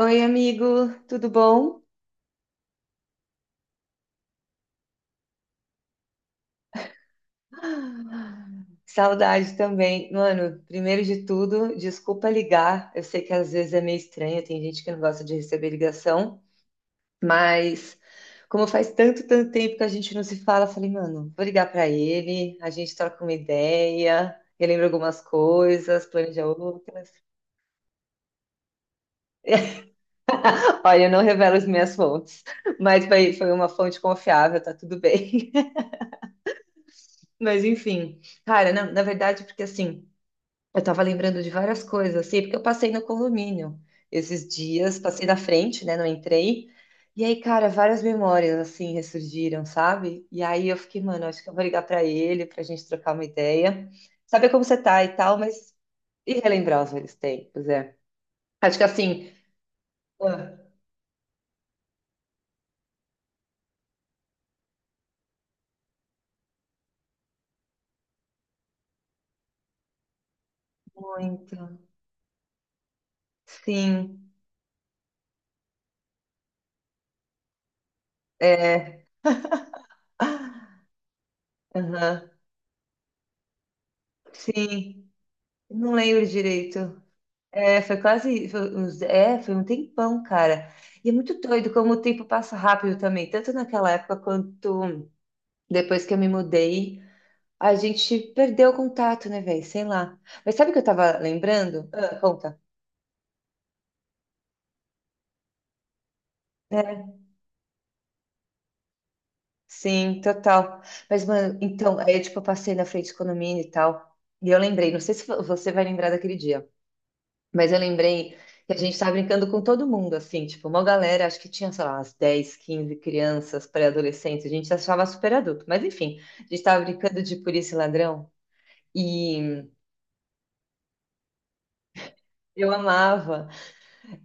Oi, amigo, tudo bom? Saudade também. Mano, primeiro de tudo, desculpa ligar. Eu sei que às vezes é meio estranho, tem gente que não gosta de receber ligação, mas como faz tanto, tanto tempo que a gente não se fala, eu falei, mano, vou ligar pra ele, a gente troca uma ideia, ele lembra algumas coisas, planeja outras. Olha, eu não revelo as minhas fontes, mas foi uma fonte confiável, tá tudo bem. Mas enfim, cara, na verdade, porque assim. Eu estava lembrando de várias coisas, assim, porque eu passei no condomínio esses dias, passei na frente, né? Não entrei. E aí, cara, várias memórias, assim, ressurgiram, sabe? E aí eu fiquei, mano, acho que eu vou ligar pra ele, pra gente trocar uma ideia, saber como você tá e tal, mas e relembrar os velhos tempos, é. Acho que assim. Ah, muito. Sim, é. Ah, aham, sim, não lembro direito. É, foi quase, foi uns- é, foi um tempão, cara. E é muito doido como o tempo passa rápido também, tanto naquela época quanto depois que eu me mudei, a gente perdeu o contato, né, velho? Sei lá. Mas sabe o que eu tava lembrando? Ah, conta. Sim, total. Mas, mano, então, aí, tipo, eu passei na frente do condomínio e tal, e eu lembrei, não sei se você vai lembrar daquele dia. Mas eu lembrei que a gente estava brincando com todo mundo, assim, tipo, uma galera, acho que tinha, sei lá, umas 10, 15 crianças, pré-adolescentes, a gente se achava super adulto, mas enfim, a gente estava brincando de polícia e ladrão e eu amava.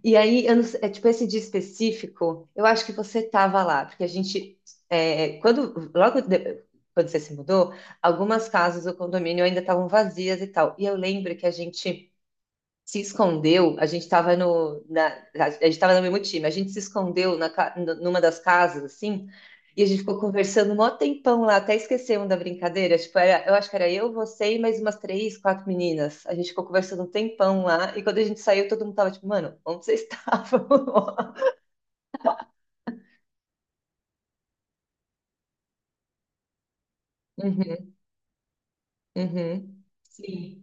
E aí, eu não sei- é, tipo, esse dia específico, eu acho que você estava lá, porque a gente, é, quando, quando você se mudou, algumas casas do condomínio ainda estavam vazias e tal, e eu lembro que a gente se escondeu, a gente estava no, na, a gente estava no mesmo time, a gente se escondeu na, numa das casas, assim, e a gente ficou conversando um maior tempão lá, até esquecemos da brincadeira, tipo, era, eu acho que era eu, você e mais umas três, quatro meninas, a gente ficou conversando um tempão lá, e quando a gente saiu, todo mundo tava tipo, mano, onde vocês estavam? Uhum, uhum. Sim.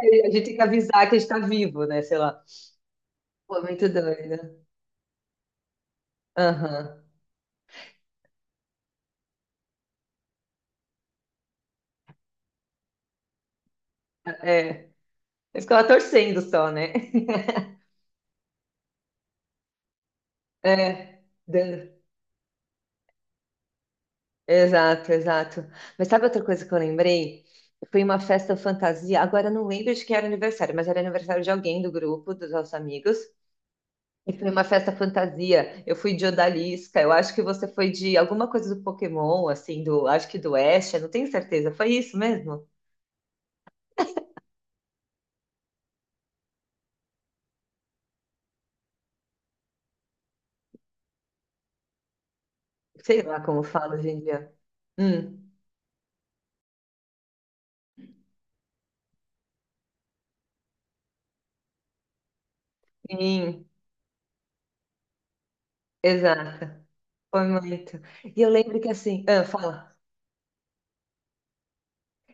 Aí a gente tem que avisar que a gente tá vivo, né, sei lá. Pô, muito doido. Aham, é. Eu ficava torcendo só, né? É. Exato, exato. Mas sabe outra coisa que eu lembrei? Foi uma festa fantasia. Agora eu não lembro de quem era o aniversário, mas era aniversário de alguém do grupo, dos nossos amigos. E foi uma festa fantasia. Eu fui de odalisca. Eu acho que você foi de alguma coisa do Pokémon, assim, do, acho que do Ash, eu não tenho certeza. Foi isso mesmo? Sei lá como fala hoje em dia. Hum, sim, exato. Foi muito. E eu lembro que assim, ah, fala.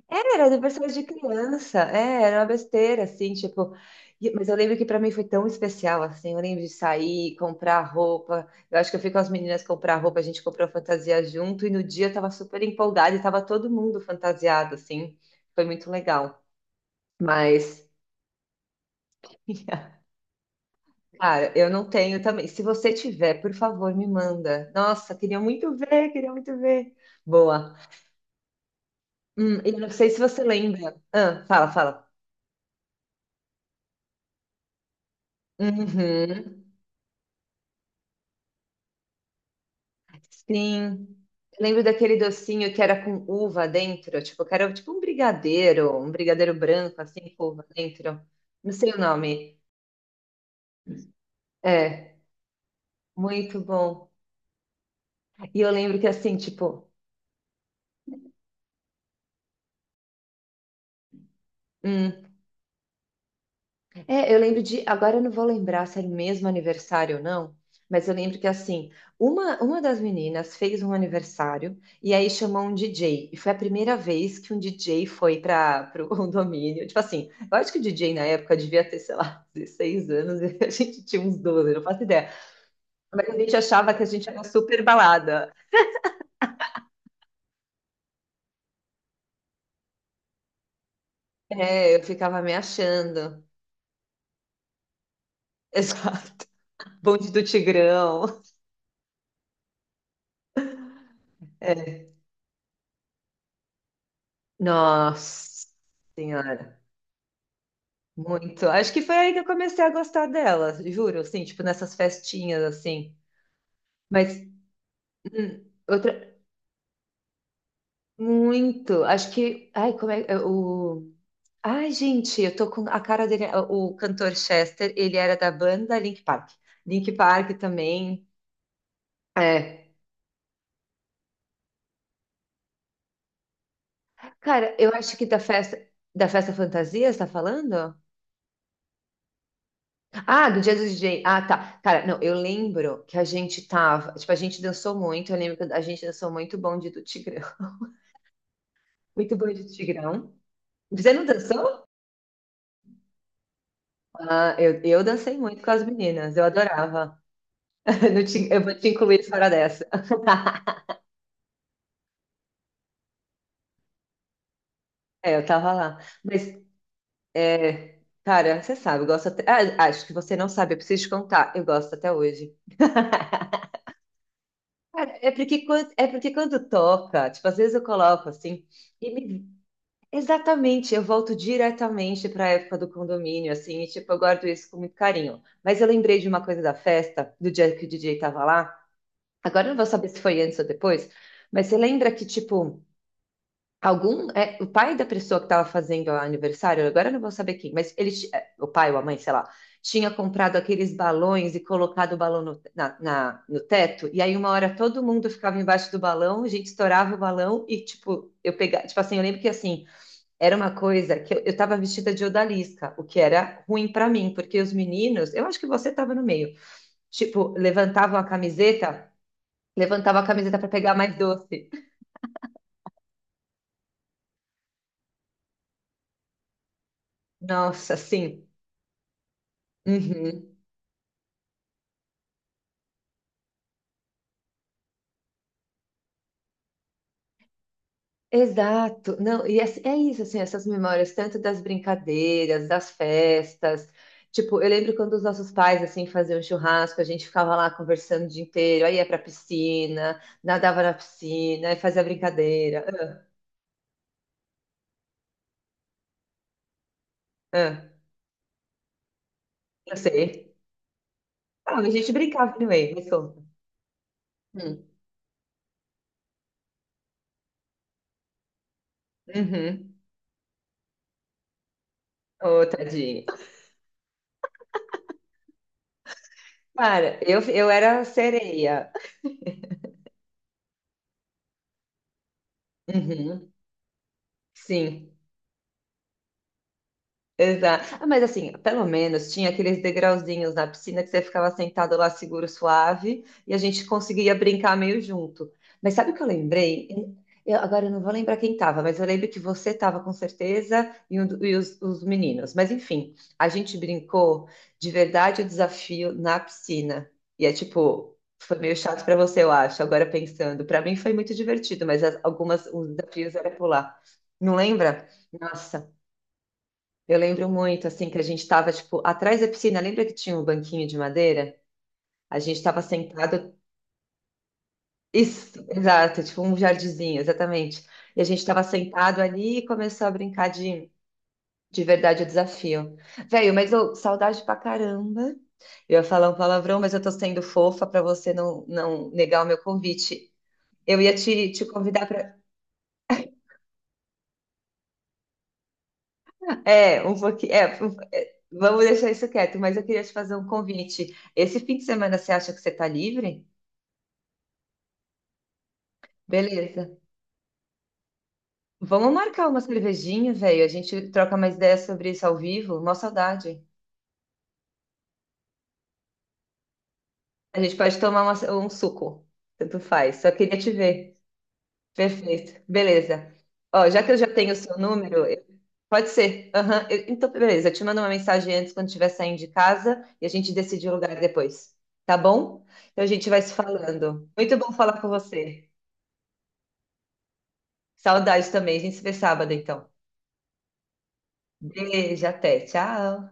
Era de diversões de criança, é, era uma besteira, assim, tipo. Mas eu lembro que para mim foi tão especial, assim. Eu lembro de sair, comprar roupa. Eu acho que eu fui com as meninas comprar roupa, a gente comprou fantasia junto, e no dia eu tava super empolgada e tava todo mundo fantasiado, assim. Foi muito legal. Mas, cara, eu não tenho também. Se você tiver, por favor, me manda. Nossa, queria muito ver, queria muito ver. Boa. E eu não sei se você lembra. Ah, fala, fala. Uhum. Sim. Eu lembro daquele docinho que era com uva dentro, tipo, que era tipo um brigadeiro branco, assim, com uva dentro. Não sei o nome. É, muito bom. E eu lembro que assim, tipo, hum, é, eu lembro de. Agora eu não vou lembrar se era o mesmo aniversário ou não, mas eu lembro que assim, uma das meninas fez um aniversário e aí chamou um DJ. E foi a primeira vez que um DJ foi para o condomínio. Tipo assim, eu acho que o DJ na época devia ter, sei lá, 16 anos e a gente tinha uns 12, não faço ideia. Mas a gente achava que a gente era super balada. É, eu ficava me achando. Exato. Bonde do Tigrão. É. Nossa Senhora. Muito. Acho que foi aí que eu comecei a gostar dela, juro, assim, tipo nessas festinhas assim. Mas outra muito. Acho que ai, como é o ai, gente, eu tô com a cara dele, é, o cantor Chester, ele era da banda Link Park. Link Park também. É. Cara, eu acho que da festa fantasia, você tá falando? Ah, do dia do DJ. Ah, tá. Cara, não, eu lembro que a gente tava, tipo, a gente dançou muito, eu lembro que a gente dançou muito Bonde do Tigrão. Muito Boi de Tigrão. Você não dançou? Ah, eu dancei muito com as meninas, eu adorava. Não te- eu vou te incluir fora dessa. É, eu tava lá. Mas, é, cara, você sabe, eu gosto até. Ah, acho que você não sabe, eu preciso te contar. Eu gosto até hoje. Cara, é porque, é porque quando toca, tipo, às vezes eu coloco assim, e me- exatamente, eu volto diretamente para a época do condomínio, assim, e tipo, eu guardo isso com muito carinho. Mas eu lembrei de uma coisa da festa, do dia que o DJ tava lá. Agora eu não vou saber se foi antes ou depois, mas você lembra que, tipo, algum. É, o pai da pessoa que estava fazendo o aniversário, agora eu não vou saber quem, mas ele, é, o pai ou a mãe, sei lá, tinha comprado aqueles balões e colocado o balão no teto, e aí uma hora todo mundo ficava embaixo do balão, a gente estourava o balão e, tipo, eu pegava. Tipo assim, eu lembro que assim, era uma coisa que eu tava vestida de odalisca, o que era ruim pra mim, porque os meninos, eu acho que você tava no meio, tipo, levantavam a camiseta. Levantava a camiseta para pegar mais doce. Nossa, sim. Uhum. Exato. Não, e é, é isso, assim, essas memórias, tanto das brincadeiras, das festas. Tipo, eu lembro quando os nossos pais, assim, faziam churrasco, a gente ficava lá conversando o dia inteiro, aí ia pra piscina, nadava na piscina, aí fazia brincadeira. Ah, ah, eu sei. Ah, a gente brincava anyway, mas conta. Hum. Uhum. Ô, tadinho. Cara, eu era sereia. Uhum. Sim. Exato. Ah, mas assim, pelo menos tinha aqueles degrauzinhos na piscina que você ficava sentado lá seguro, suave, e a gente conseguia brincar meio junto. Mas sabe o que eu lembrei? Agora eu não vou lembrar quem estava, mas eu lembro que você estava com certeza e, e os meninos. Mas enfim, a gente brincou de verdade o desafio na piscina. E é tipo, foi meio chato para você, eu acho, agora pensando. Para mim foi muito divertido, mas algumas, os desafios era pular. Não lembra? Nossa. Eu lembro muito, assim, que a gente estava, tipo, atrás da piscina. Lembra que tinha um banquinho de madeira? A gente estava sentado. Isso, exato, tipo um jardinzinho, exatamente. E a gente estava sentado ali e começou a brincar de verdade o desafio. Velho, mas eu, saudade pra caramba. Eu ia falar um palavrão, mas eu tô sendo fofa pra você não negar o meu convite. Eu ia te convidar pra. É, um pouquinho. É, um- é, vamos deixar isso quieto, mas eu queria te fazer um convite. Esse fim de semana você acha que você tá livre? Beleza. Vamos marcar uma cervejinha, velho. A gente troca mais ideias sobre isso ao vivo. Mó saudade. A gente pode tomar uma- um suco. Tanto faz. Só queria te ver. Perfeito. Beleza. Ó, já que eu já tenho o seu número, pode ser. Aham. Então, beleza. Eu te mando uma mensagem antes quando estiver saindo de casa e a gente decide o lugar depois. Tá bom? Então a gente vai se falando. Muito bom falar com você. Saudade também. A gente se vê sábado, então. Beijo, até. Tchau.